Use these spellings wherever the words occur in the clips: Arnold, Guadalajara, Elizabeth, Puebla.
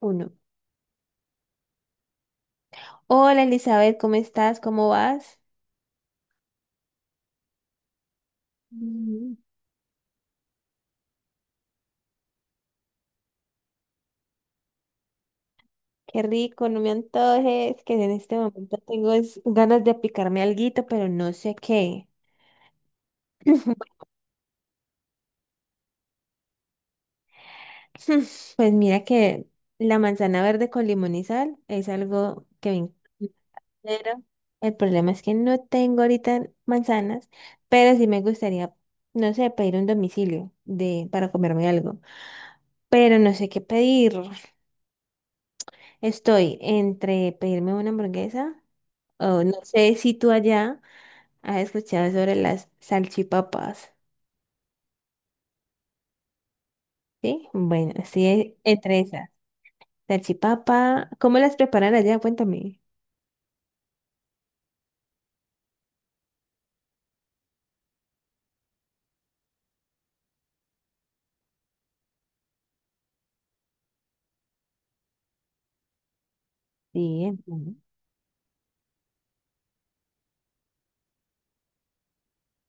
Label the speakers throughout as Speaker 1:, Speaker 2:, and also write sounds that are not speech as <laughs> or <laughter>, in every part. Speaker 1: Uno. Hola Elizabeth, ¿cómo estás? ¿Cómo vas? Mm, qué rico, no me antojes, que en este momento tengo ganas de picarme alguito, pero no sé qué. <laughs> Bueno, <laughs> pues mira que la manzana verde con limón y sal es algo que me encanta. Pero el problema es que no tengo ahorita manzanas, pero sí me gustaría, no sé, pedir un domicilio para comerme algo. Pero no sé qué pedir. Estoy entre pedirme una hamburguesa. Oh, no sé si tú allá has escuchado sobre las salchipapas. ¿Sí? Bueno, sí, entre esas. Salchipapa, ¿cómo las preparan allá? Cuéntame. Sí, entiendo.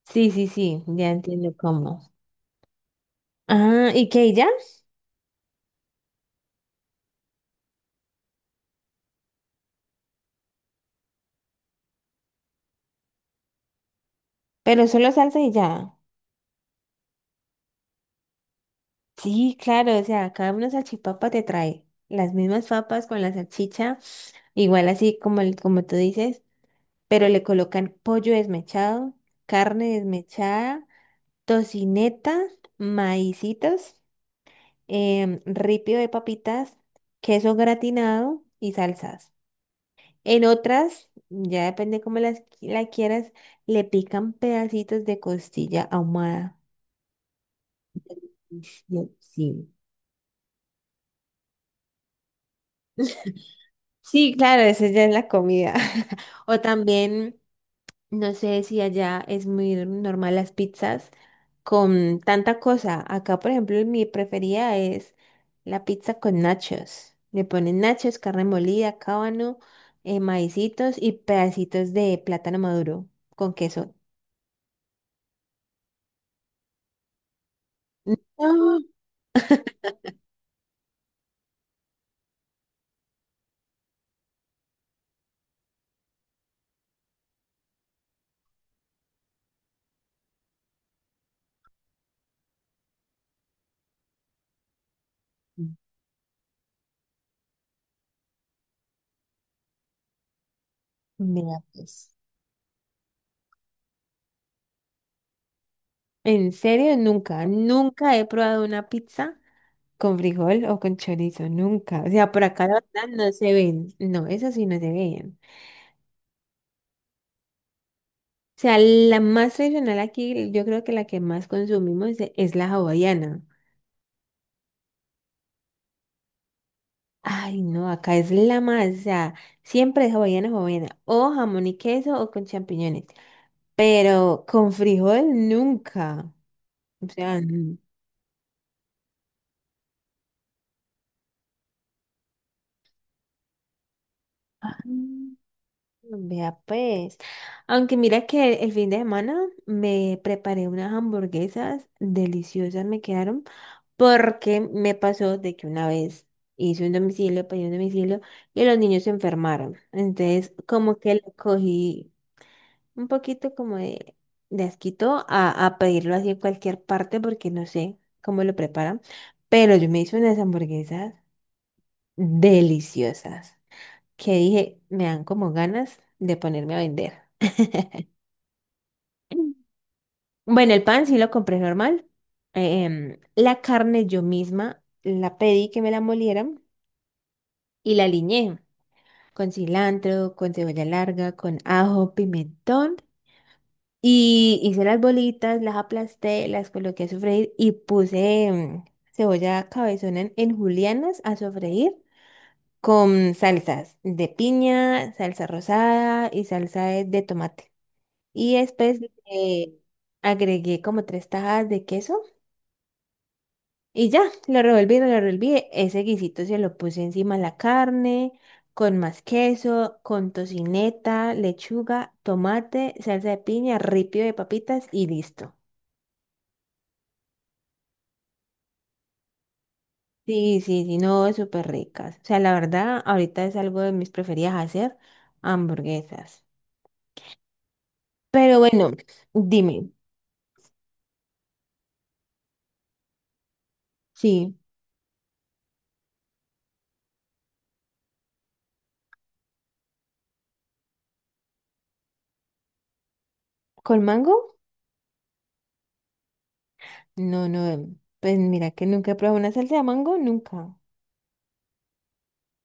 Speaker 1: Sí, sí, sí, ya entiendo cómo. Ah, ¿y qué, y ya? Pero solo salsa y ya. Sí, claro, o sea, cada una salchipapa te trae las mismas papas con la salchicha, igual así como, como tú dices, pero le colocan pollo desmechado, carne desmechada, tocineta, maicitos, ripio de papitas, queso gratinado y salsas. En otras, ya depende cómo la quieras, le pican pedacitos de costilla ahumada. Sí, sí, sí, claro, esa ya es la comida. <laughs> O también no sé si allá es muy normal las pizzas con tanta cosa. Acá, por ejemplo, mi preferida es la pizza con nachos. Le ponen nachos, carne molida, cábano, maicitos y pedacitos de plátano maduro con queso. No, mira, pues. En serio, nunca, nunca he probado una pizza con frijol o con chorizo, nunca. O sea, por acá la verdad no se ven. No, esas sí no se ven. O sea, la más tradicional aquí, yo creo que la que más consumimos es la hawaiana. Ay, no, acá es la más, o sea, siempre es hawaiana, hawaiana, o jamón y queso o con champiñones, pero con frijol nunca. O sea, n- ah, vea pues. Aunque mira que el fin de semana me preparé unas hamburguesas deliciosas, me quedaron. Porque me pasó de que una vez hice un domicilio, pedí un domicilio y los niños se enfermaron. Entonces, como que le cogí un poquito como de asquito a pedirlo así en cualquier parte porque no sé cómo lo preparan. Pero yo me hice unas hamburguesas deliciosas que dije, me dan como ganas de ponerme a vender. <laughs> Bueno, el pan sí lo compré normal. Em, la carne yo misma la pedí que me la molieran y la aliñé con cilantro, con cebolla larga, con ajo, pimentón. Y hice las bolitas, las aplasté, las coloqué a sofreír y puse cebolla cabezona en julianas a sofreír con salsas de piña, salsa rosada y salsa de tomate. Y después, eh, agregué como tres tajadas de queso. Y ya, lo revolví, lo revolví. Ese guisito se lo puse encima la carne, con más queso, con tocineta, lechuga, tomate, salsa de piña, ripio de papitas y listo. Sí, sí, sí, no, súper ricas. O sea, la verdad, ahorita es algo de mis preferidas hacer, hamburguesas. Pero bueno, dime, sí, ¿con mango? No, no, pues mira que nunca he probado una salsa de mango, nunca.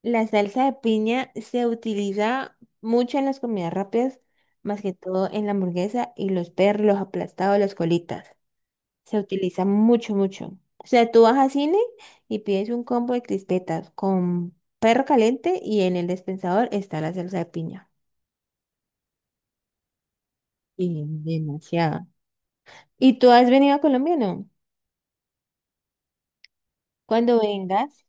Speaker 1: La salsa de piña se utiliza mucho en las comidas rápidas, más que todo en la hamburguesa y los perros, los aplastados, las colitas. Se utiliza mucho, mucho. O sea, tú vas a cine y pides un combo de crispetas con perro caliente y en el dispensador está la salsa de piña. Y demasiado. ¿Y tú has venido a Colombia o no? Cuando vengas,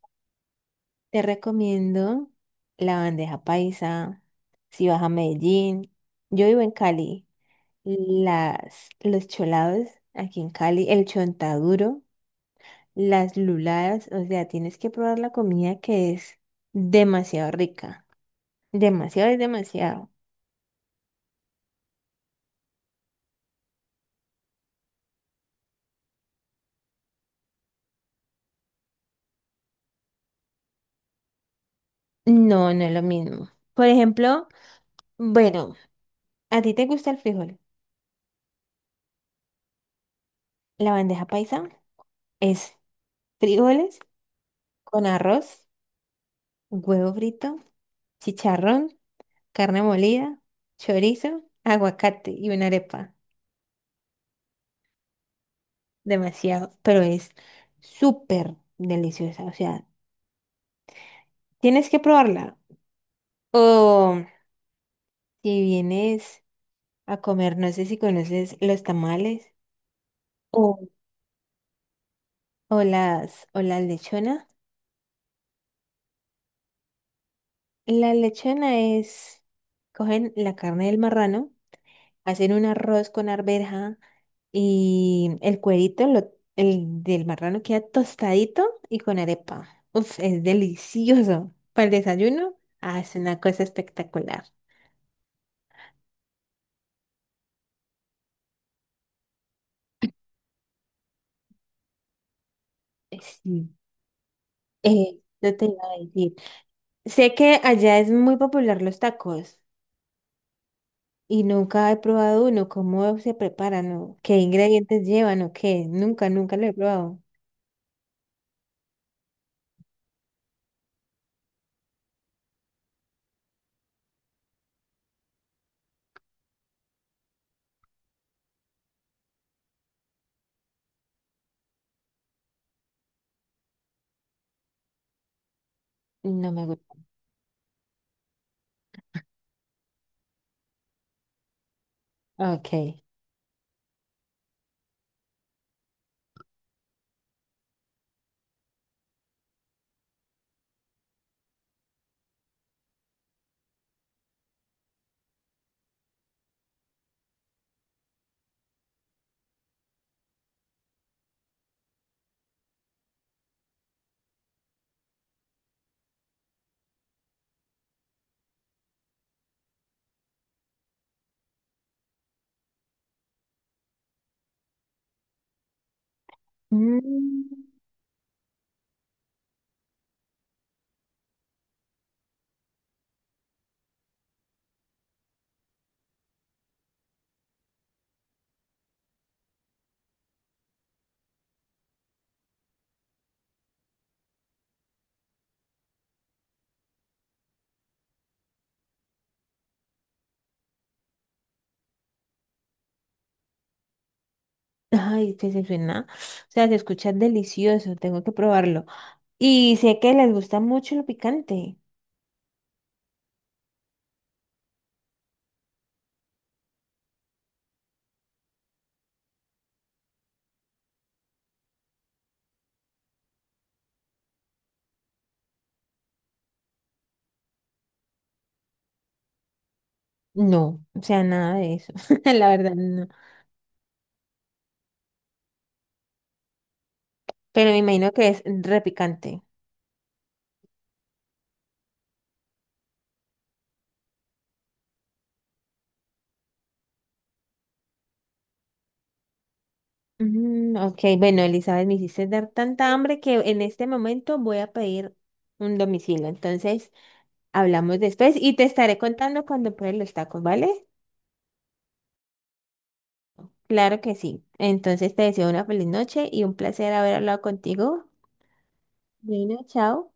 Speaker 1: te recomiendo la bandeja paisa, si vas a Medellín. Yo vivo en Cali. Las, los cholados aquí en Cali, el chontaduro, las luladas, o sea, tienes que probar la comida que es demasiado rica, demasiado es demasiado. No, no es lo mismo. Por ejemplo, bueno, ¿a ti te gusta el frijol? La bandeja paisa es frijoles con arroz, huevo frito, chicharrón, carne molida, chorizo, aguacate y una arepa. Demasiado, pero es súper deliciosa, o sea, tienes que probarla. O si vienes a comer, no sé si conoces los tamales o, o las o la lechona. La lechona es, cogen la carne del marrano, hacen un arroz con arveja y el cuerito el del marrano queda tostadito y con arepa. Uf, es delicioso. Para el desayuno, ah, es una cosa espectacular. Sí. Yo te iba a decir. Sé que allá es muy popular los tacos y nunca he probado uno. ¿Cómo se preparan o qué ingredientes llevan o qué? Nunca, nunca lo he probado. No me gusta. Ok. Mm, ay, que se suena. O sea, se escucha delicioso. Tengo que probarlo. Y sé que les gusta mucho lo picante. No, o sea, nada de eso. <laughs> La verdad, no. Pero me imagino que es repicante. Mm, ok, bueno, Elizabeth, me hiciste dar tanta hambre que en este momento voy a pedir un domicilio. Entonces, hablamos después y te estaré contando cuando pruebe los tacos, ¿vale? Claro que sí. Entonces, te deseo una feliz noche y un placer haber hablado contigo. Bueno, chao.